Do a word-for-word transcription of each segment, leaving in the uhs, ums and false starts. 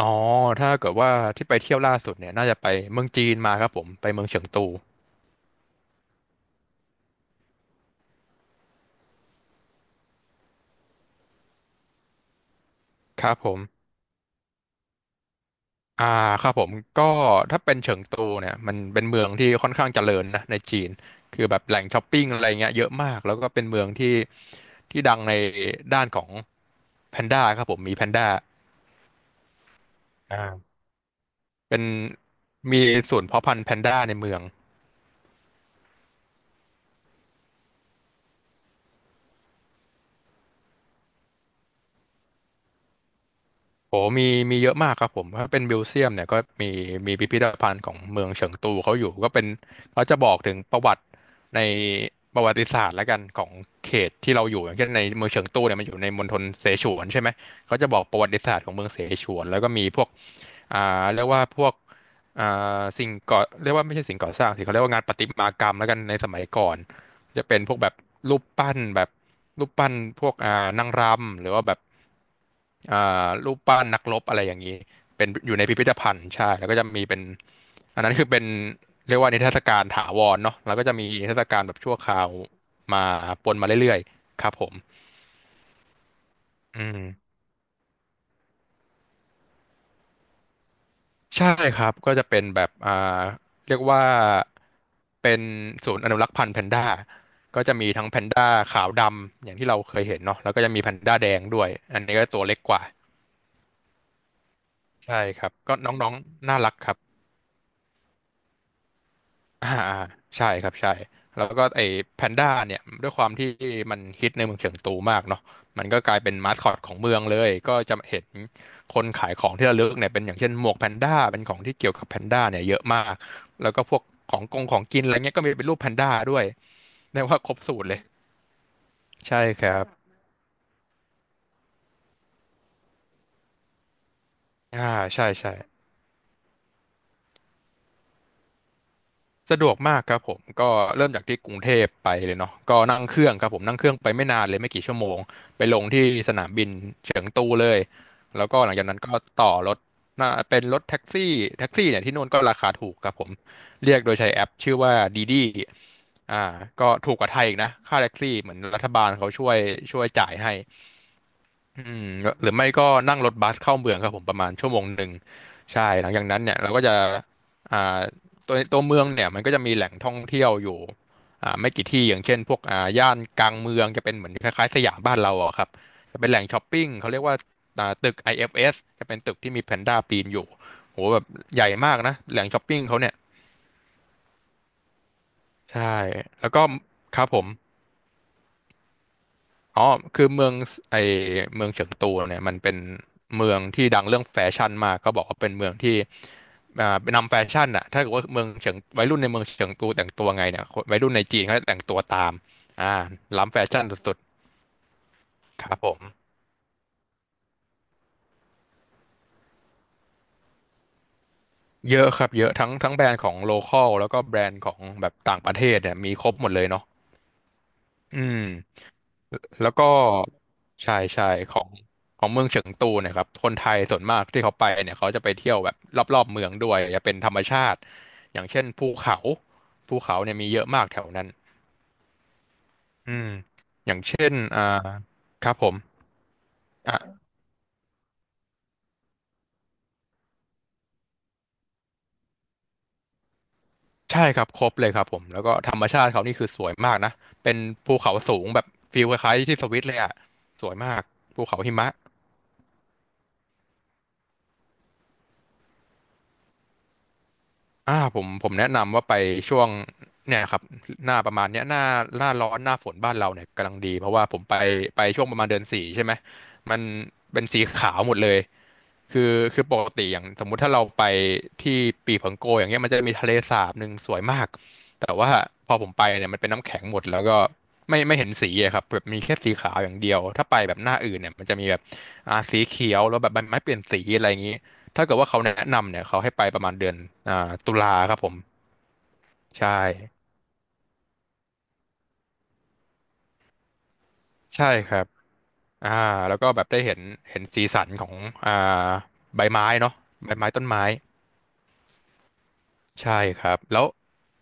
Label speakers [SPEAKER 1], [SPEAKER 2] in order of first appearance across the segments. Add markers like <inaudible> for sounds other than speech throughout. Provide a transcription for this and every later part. [SPEAKER 1] อ๋อถ้าเกิดว่าที่ไปเที่ยวล่าสุดเนี่ยน่าจะไปเมืองจีนมาครับผมไปเมืองเฉิงตูครับผมอ่าครับผมก็ถ้าเป็นเฉิงตูเนี่ยมันเป็นเมืองที่ค่อนข้างเจริญนะในจีนคือแบบแหล่งช้อปปิ้งอะไรเงี้ยเยอะมากแล้วก็เป็นเมืองที่ที่ดังในด้านของแพนด้าครับผมมีแพนด้าอ่าเป็นมีศูนย์เพาะพันธุ์แพนด้าในเมือง โอ้มีมีเยอะมากครับผมถ้าเป็นมิวเซียมเนี่ยก็มีมีพิพิธภัณฑ์ของเมืองเฉิงตูเขาอยู่ก็เป็นเขาจะบอกถึงประวัติในประวัติศาสตร์แล้วกันของเขตที่เราอยู่อย่างเช่นในเมืองเฉิงตูเนี่ยมันอยู่ในมณฑลเสฉวนใช่ไหม เขาจะบอกประวัติศาสตร์ของเมืองเสฉวน แล้วก็มีพวกอ่าเรียกว่าพวกอ่าสิ่งก่อเรียกว่าไม่ใช่สิ่งก่อสร้างสิเขาเรียกว่างานประติมากรรมแล้วกันในสมัยก่อน จะเป็นพวกแบบรูปปั้นแบบรูปปั้นพวกอ่านางรำหรือว่าแบบอ่ารูปปั้นนักรบอะไรอย่างนี้เป็นอยู่ในพิพิธภัณฑ์ใช่แล้วก็จะมีเป็นอันนั้นคือเป็นเรียกว่านิทรรศการถาวรเนาะแล้วก็จะมีนิทรรศการแบบชั่วคราวมาปนมาเรื่อยๆครับผมอืม ใช่ครับ ก็จะเป็นแบบอ่าเรียกว่า เป็นศูนย์อนุรักษ์พันธุ์แพนด้าก็จะมีทั้งแพนด้าขาวดำ อย่างที่เราเคยเห็นเนาะแล้วก็จะมีแพนด้าแดงด้วย อันนี้ก็ตัวเล็กกว่า ใช่ครับ ก็น้องๆน่ารักครับ อ่าอ่าใช่ครับใช่แล้วก็ไอ้แพนด้าเนี่ยด้วยความที่มันฮิตในเมืองเฉิงตูมากเนาะมันก็กลายเป็นมาสคอตของเมืองเลยก็จะเห็นคนขายของที่ระลึกเนี่ยเป็นอย่างเช่นหมวกแพนด้าเป็นของที่เกี่ยวกับแพนด้าเนี่ยเยอะมากแล้วก็พวกของกงของกินอะไรเงี้ยก็มีเป็นรูปแพนด้าด้วยเรียกว่าครบสูตรเลยใช่ครับอ่าใช่ใช่ สะดวกมากครับผมก็เริ่มจากที่กรุงเทพไปเลยเนาะก็นั่งเครื่องครับผมนั่งเครื่องไปไม่นานเลยไม่กี่ชั่วโมงไปลงที่สนามบินเฉิงตูเลยแล้วก็หลังจากนั้นก็ต่อรถน่าเป็นรถแท็กซี่แท็กซี่เนี่ยที่นู่นก็ราคาถูกครับผมเรียกโดยใช้แอปชื่อว่าดีดีอ่าก็ถูกกว่าไทยอีกนะค่าแท็กซี่เหมือนรัฐบาลเขาช่วยช่วยจ่ายให้ อืมหรือไม่ก็นั่งรถบัสเข้าเมืองครับผมประมาณชั่วโมงหนึ่งใช่หลังจากนั้นเนี่ยเราก็จะอ่าตัวตัวเมืองเนี่ยมันก็จะมีแหล่งท่องเที่ยวอยู่อ่าไม่กี่ที่อย่างเช่นพวกอ่าย่านกลางเมืองจะเป็นเหมือนคล้ายๆสยามบ้านเราอ่ะครับจะเป็นแหล่งช้อปปิ้งเขาเรียกว่าอ่าตึก ไอ เอฟ เอส จะเป็นตึกที่มีแพนด้าปีนอยู่โหแบบใหญ่มากนะแหล่งช้อปปิ้งเขาเนี่ยใช่แล้วก็ครับผม อ๋อคือเมืองไอเมืองเฉิงตูเนี่ยมันเป็นเมืองที่ดังเรื่องแฟชั่นมากก็บอกว่าเป็นเมืองที่อ่านำแฟชั่นอะถ้าเกิดว่าเมืองเฉิงวัยรุ่นในเมืองเฉิงตูแต่งตัวไงเนี่ยคนวัยรุ่นในจีนเขาจะแต่งตัวตามอ่าล้ำแฟชั่นสุดๆครับผมเยอะครับเยอะทั้งทั้งแบรนด์ของโลคอลแล้วก็แบรนด์ของแบบต่างประเทศเนี่ยมีครบหมดเลยเนาะ อืมแล้วก็ใช่ใช่ของของเมืองเฉิงตูเนะครับคนไทยส่วนมากที่เขาไปเนี่ยเขาจะไปเที่ยวแบบรอบๆเมืองด้วยจะเป็นธรรมชาติอย่างเช่นภูเขาภูเขาเนี่ยมีเยอะมากแถวนั้นอืมอย่างเช่นอ่าครับผมอ่ะใช่ครับครบเลยครับผมแล้วก็ธรรมชาติเขานี่คือสวยมากนะเป็นภูเขาสูงแบบฟีลคล้ายๆที่สวิตเลยอ่ะสวยมากภูเขาหิมะ อ่าผมผมแนะนำว่าไปช่วงเนี่ยครับหน้าประมาณเนี้ยหน้าหน้าร้อนหน้าฝนบ้านเราเนี่ยกำลังดีเพราะว่าผมไปไปช่วงประมาณเดือนสี่ใช่ไหมมันเป็นสีขาวหมดเลยคือคือปกติอย่างสมมุติถ้าเราไปที่ปีผังโกอย่างเงี้ยมันจะมีทะเลสาบหนึ่งสวยมากแต่ว่าพอผมไปเนี่ยมันเป็นน้ำแข็งหมดแล้วก็ไม่ไม่เห็นสีอะครับแบบมีแค่สีขาวอย่างเดียวถ้าไปแบบหน้าอื่นเนี่ยมันจะมีแบบอ่าสีเขียวแล้วแบบใบไม้เปลี่ยนสีอะไรอย่างงี้ ถ้าเกิดว่าเขาแนะนำเนี่ยเขาให้ไปประมาณเดือนอ่าตุลาครับผมใช่ใช่ครับอ่าแล้วก็แบบได้เห็นเห็นสีสันของอ่าใบไม้เนาะใบไม้ต้นไม้ใช่ครับแล้ว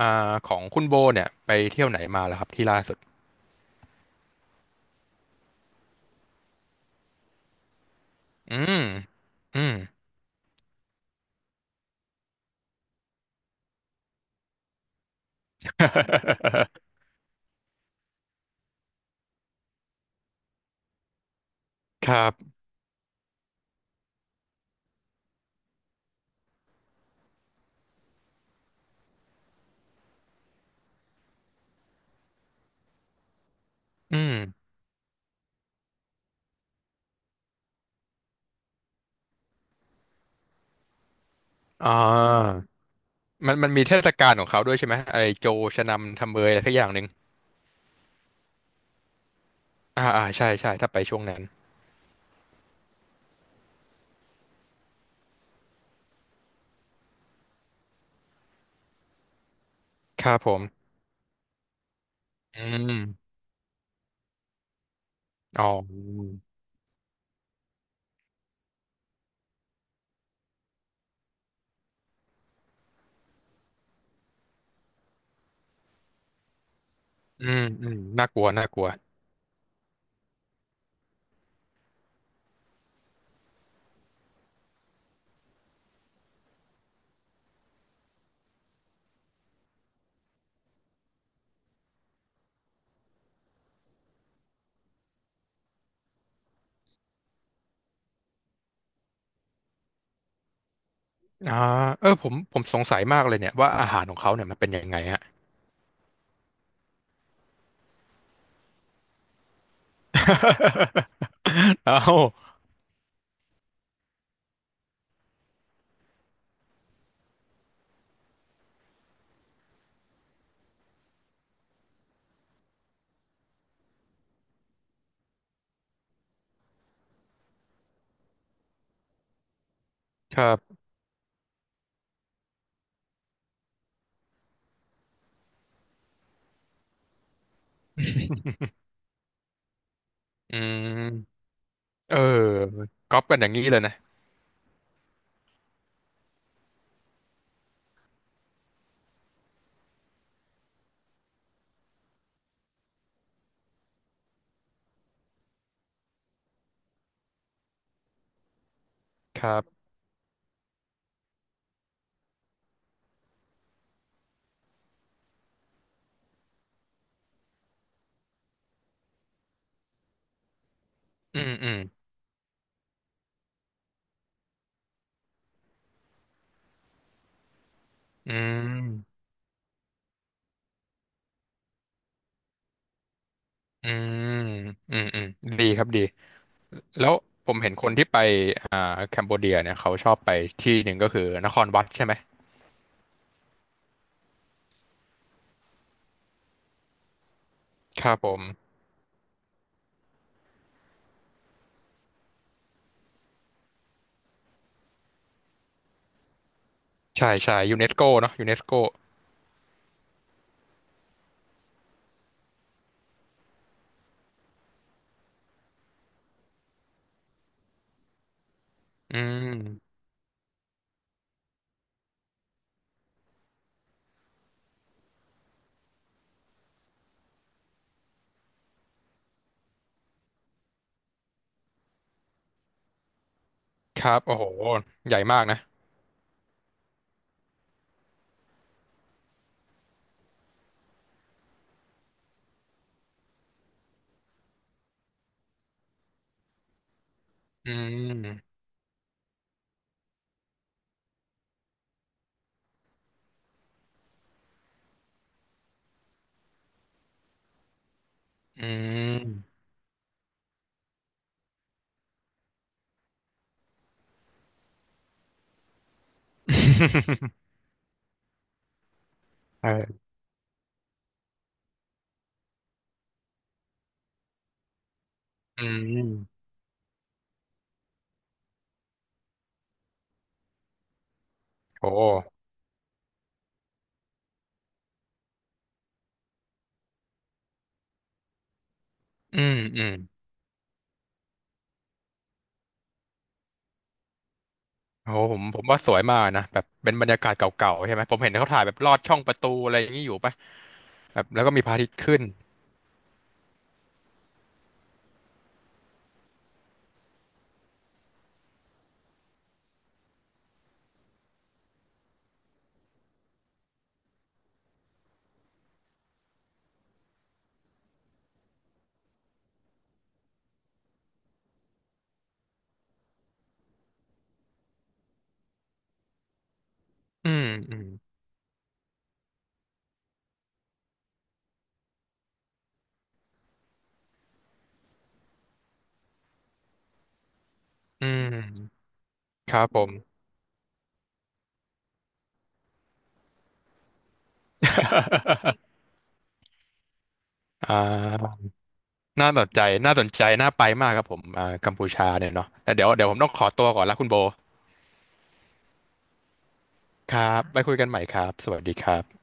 [SPEAKER 1] อ่าของคุณโบเนี่ยไปเที่ยวไหนมาแล้วครับที่ล่าสุดอืมอืม <laughs> ครับอืมอ่ามันมันมีเทศกาลของเขาด้วยใช่ไหมไอโจชะนำทำเบยอะไรสักอย่างหนึ่งอ่าอ่าใช่ใช่ถ้าไปช่วงนั้นครับผมอืมอ๋อ อืมอืมน่ากลัวน่ากลัวอ่าเออผมผมสงสัยมากเลยเนี่ยว่าอาหารของเขาเนี่ยมันเป็นยังไงฮะ <laughs> เอาครับอืมเออก๊อปกันอย่างนี้เลยนะครับอืมอืมอืมอืมอืมอืมดีครับดีแล้วผมเห็นคนที่ไปอ่าแคมโบเดียเนี่ยเขาชอบไปที่หนึ่งก็คือนครวัดใช่ไหมครับผมใช่ใช่ยูเนสโกเนาะยูเนสโกอืมครับโอ้โหใหญ่มากนะอืม อืม <laughs> เอออืมโอ้อืม อืม โอ้ผมผมว่าสวยมากนะแบบเป็นบรรยากาศเก่าๆใช่ไหมผมเห็นเขาถ่ายแบบลอดช่องประตูอะไรอย่างนี้อยู่ปะแบบแล้วก็มีพระอาทิตย์ขึ้นอืมอืมอืมครับผม <laughs> อ่าน่าสนใจน่าสนใจน่าไปมากครับผมอ่ากัมพูชาเนี่ยเนาะแต่เดี๋ยวเดี๋ยวผมต้องขอตัวก่อนละคุณโบ ครับไปคุยกันใหม่ครับสวัสดีครับ